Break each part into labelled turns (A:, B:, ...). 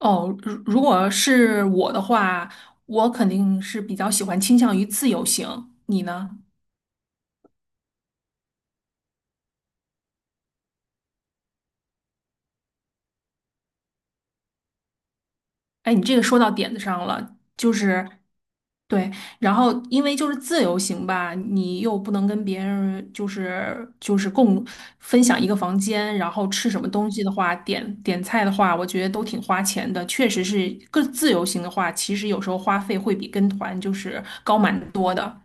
A: 哦，如果是我的话，我肯定是比较喜欢倾向于自由行。你呢？哎，你这个说到点子上了，就是对，然后因为就是自由行吧，你又不能跟别人就是分享一个房间，然后吃什么东西的话，点菜的话，我觉得都挺花钱的。确实是，个自由行的话，其实有时候花费会比跟团就是高蛮多的。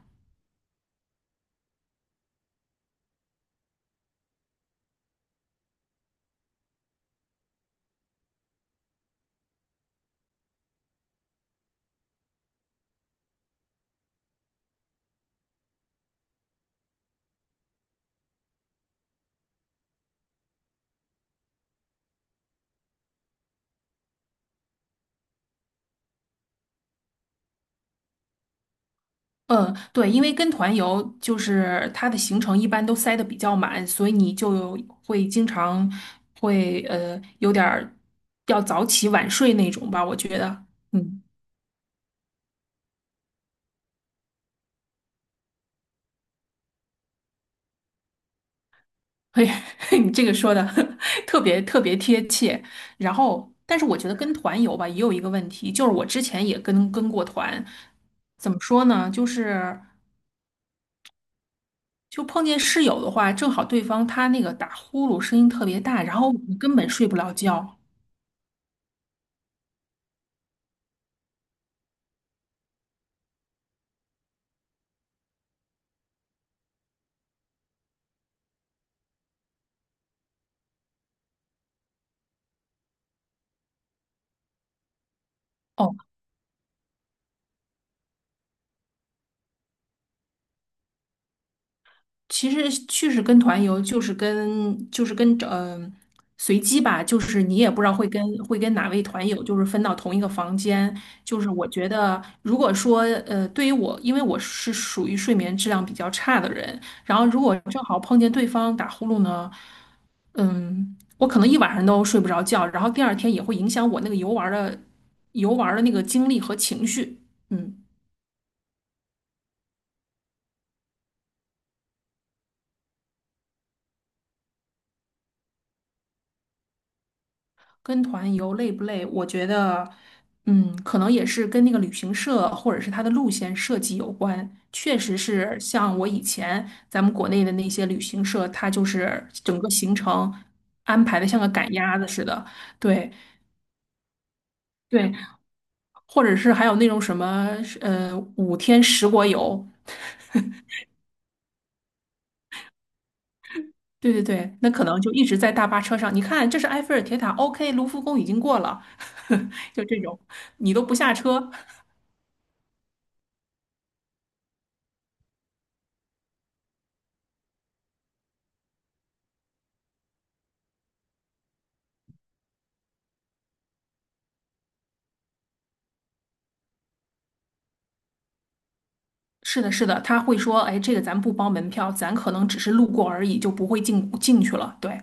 A: 嗯，对，因为跟团游就是它的行程一般都塞得比较满，所以你就会经常有点儿要早起晚睡那种吧，我觉得，嗯，嘿，你这个说的 特别特别贴切。然后，但是我觉得跟团游吧也有一个问题，就是我之前也跟过团，怎么说呢，就碰见室友的话，正好对方他那个打呼噜声音特别大，然后你根本睡不了觉。哦。其实去是跟团游，就是跟随机吧，就是你也不知道会跟哪位团友，就是分到同一个房间。就是我觉得，如果说对于我，因为我是属于睡眠质量比较差的人，然后如果正好碰见对方打呼噜呢，我可能一晚上都睡不着觉，然后第二天也会影响我那个游玩儿的那个精力和情绪。嗯。跟团游累不累？我觉得，可能也是跟那个旅行社或者是它的路线设计有关。确实是像我以前咱们国内的那些旅行社，它就是整个行程安排的像个赶鸭子似的。对对，或者是还有那种什么，5天10国游。对对对，那可能就一直在大巴车上。你看，这是埃菲尔铁塔，OK，卢浮宫已经过了，就这种，你都不下车。是的，是的，他会说，哎，这个咱不包门票，咱可能只是路过而已，就不会进去了。对，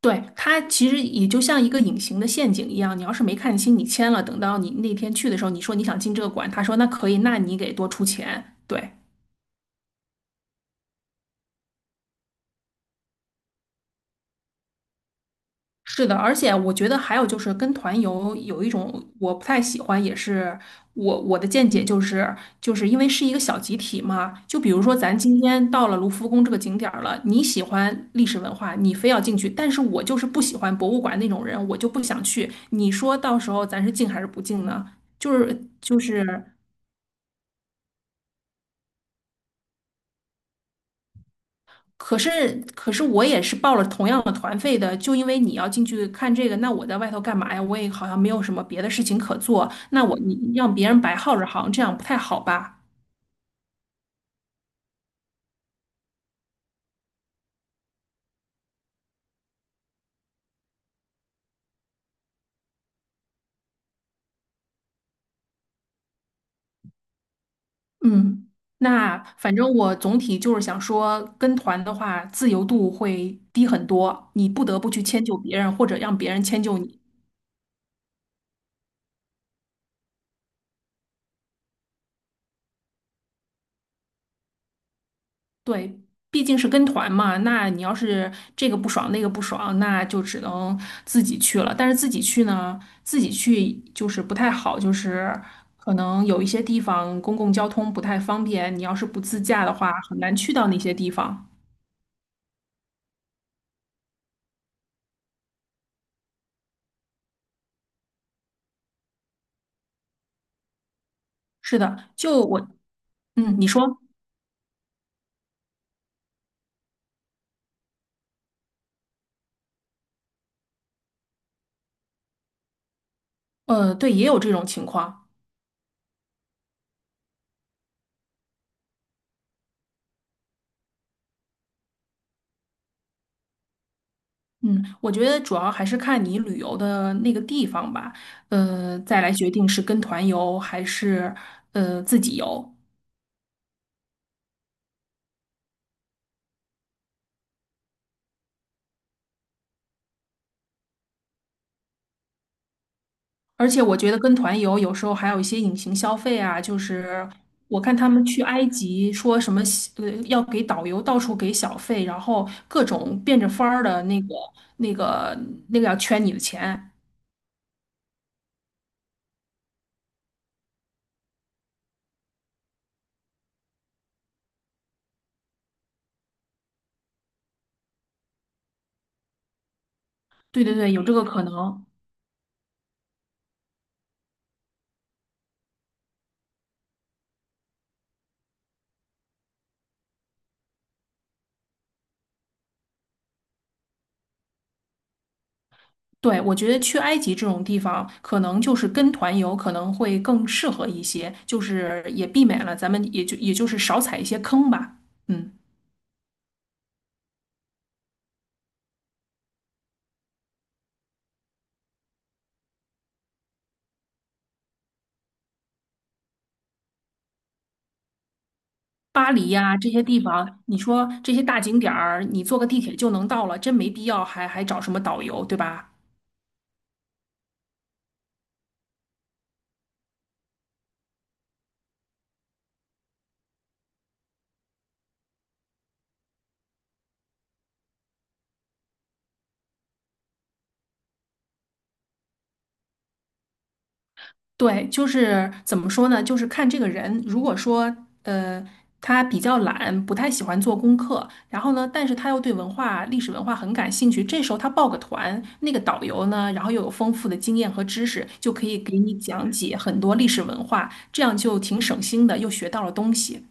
A: 对，他其实也就像一个隐形的陷阱一样，你要是没看清，你签了，等到你那天去的时候，你说你想进这个馆，他说那可以，那你给多出钱。对，是的，而且我觉得还有就是跟团游有一种我不太喜欢，也是我的见解就是，就是因为是一个小集体嘛。就比如说咱今天到了卢浮宫这个景点儿了，你喜欢历史文化，你非要进去，但是我就是不喜欢博物馆那种人，我就不想去。你说到时候咱是进还是不进呢？就是就是。可是，我也是报了同样的团费的，就因为你要进去看这个，那我在外头干嘛呀？我也好像没有什么别的事情可做，那我你让别人白耗着行，好像这样不太好吧？嗯，那反正我总体就是想说，跟团的话自由度会低很多，你不得不去迁就别人，或者让别人迁就你。对，毕竟是跟团嘛，那你要是这个不爽那个不爽，那就只能自己去了。但是自己去就是不太好，就是可能有一些地方公共交通不太方便，你要是不自驾的话，很难去到那些地方。是的，就我，嗯，你说，对，也有这种情况。嗯，我觉得主要还是看你旅游的那个地方吧，再来决定是跟团游还是自己游。而且我觉得跟团游有时候还有一些隐形消费啊，就是我看他们去埃及说什么要给导游到处给小费，然后各种变着法儿的那个那个要圈你的钱。对对对，有这个可能。对，我觉得去埃及这种地方，可能就是跟团游可能会更适合一些，就是也避免了咱们也就也就是少踩一些坑吧。嗯。巴黎呀、这些地方，你说这些大景点儿，你坐个地铁就能到了，真没必要还找什么导游，对吧？对，就是怎么说呢？就是看这个人，如果说呃他比较懒，不太喜欢做功课，然后呢，但是他又对文化、历史文化很感兴趣，这时候他报个团，那个导游呢，然后又有丰富的经验和知识，就可以给你讲解很多历史文化，这样就挺省心的，又学到了东西。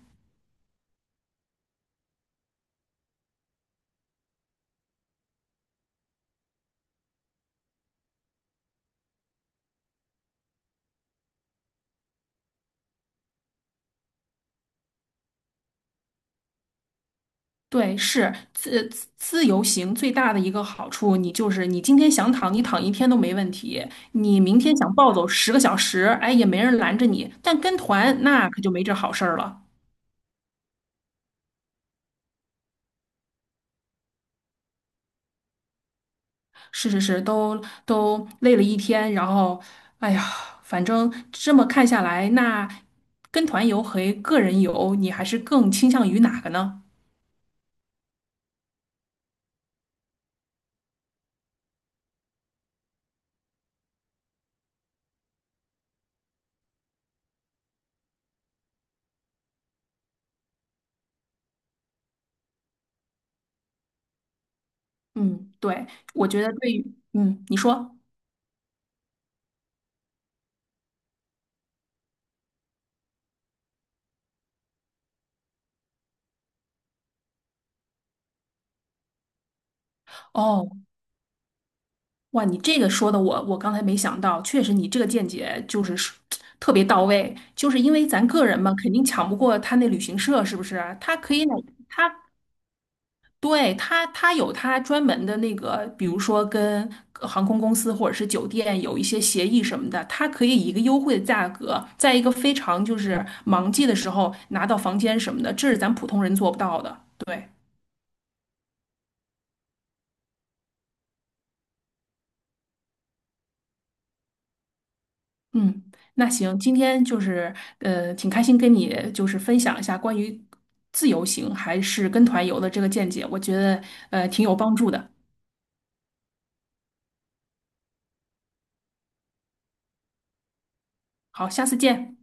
A: 对，是自由行最大的一个好处，你就是你今天想躺，你躺一天都没问题；你明天想暴走10个小时，哎，也没人拦着你。但跟团那可就没这好事儿了。是是是，都累了一天，然后，哎呀，反正这么看下来，那跟团游和个人游，你还是更倾向于哪个呢？嗯，对，我觉得对于，嗯，你说。哦，哇，你这个说的我刚才没想到，确实你这个见解就是说特别到位，就是因为咱个人嘛，肯定抢不过他那旅行社，是不是啊？他可以哪，他他有他专门的那个，比如说跟航空公司或者是酒店有一些协议什么的，他可以以一个优惠的价格，在一个非常就是忙季的时候拿到房间什么的，这是咱普通人做不到的。对。嗯，那行，今天就是挺开心跟你就是分享一下关于自由行还是跟团游的这个见解，我觉得挺有帮助的。好，下次见。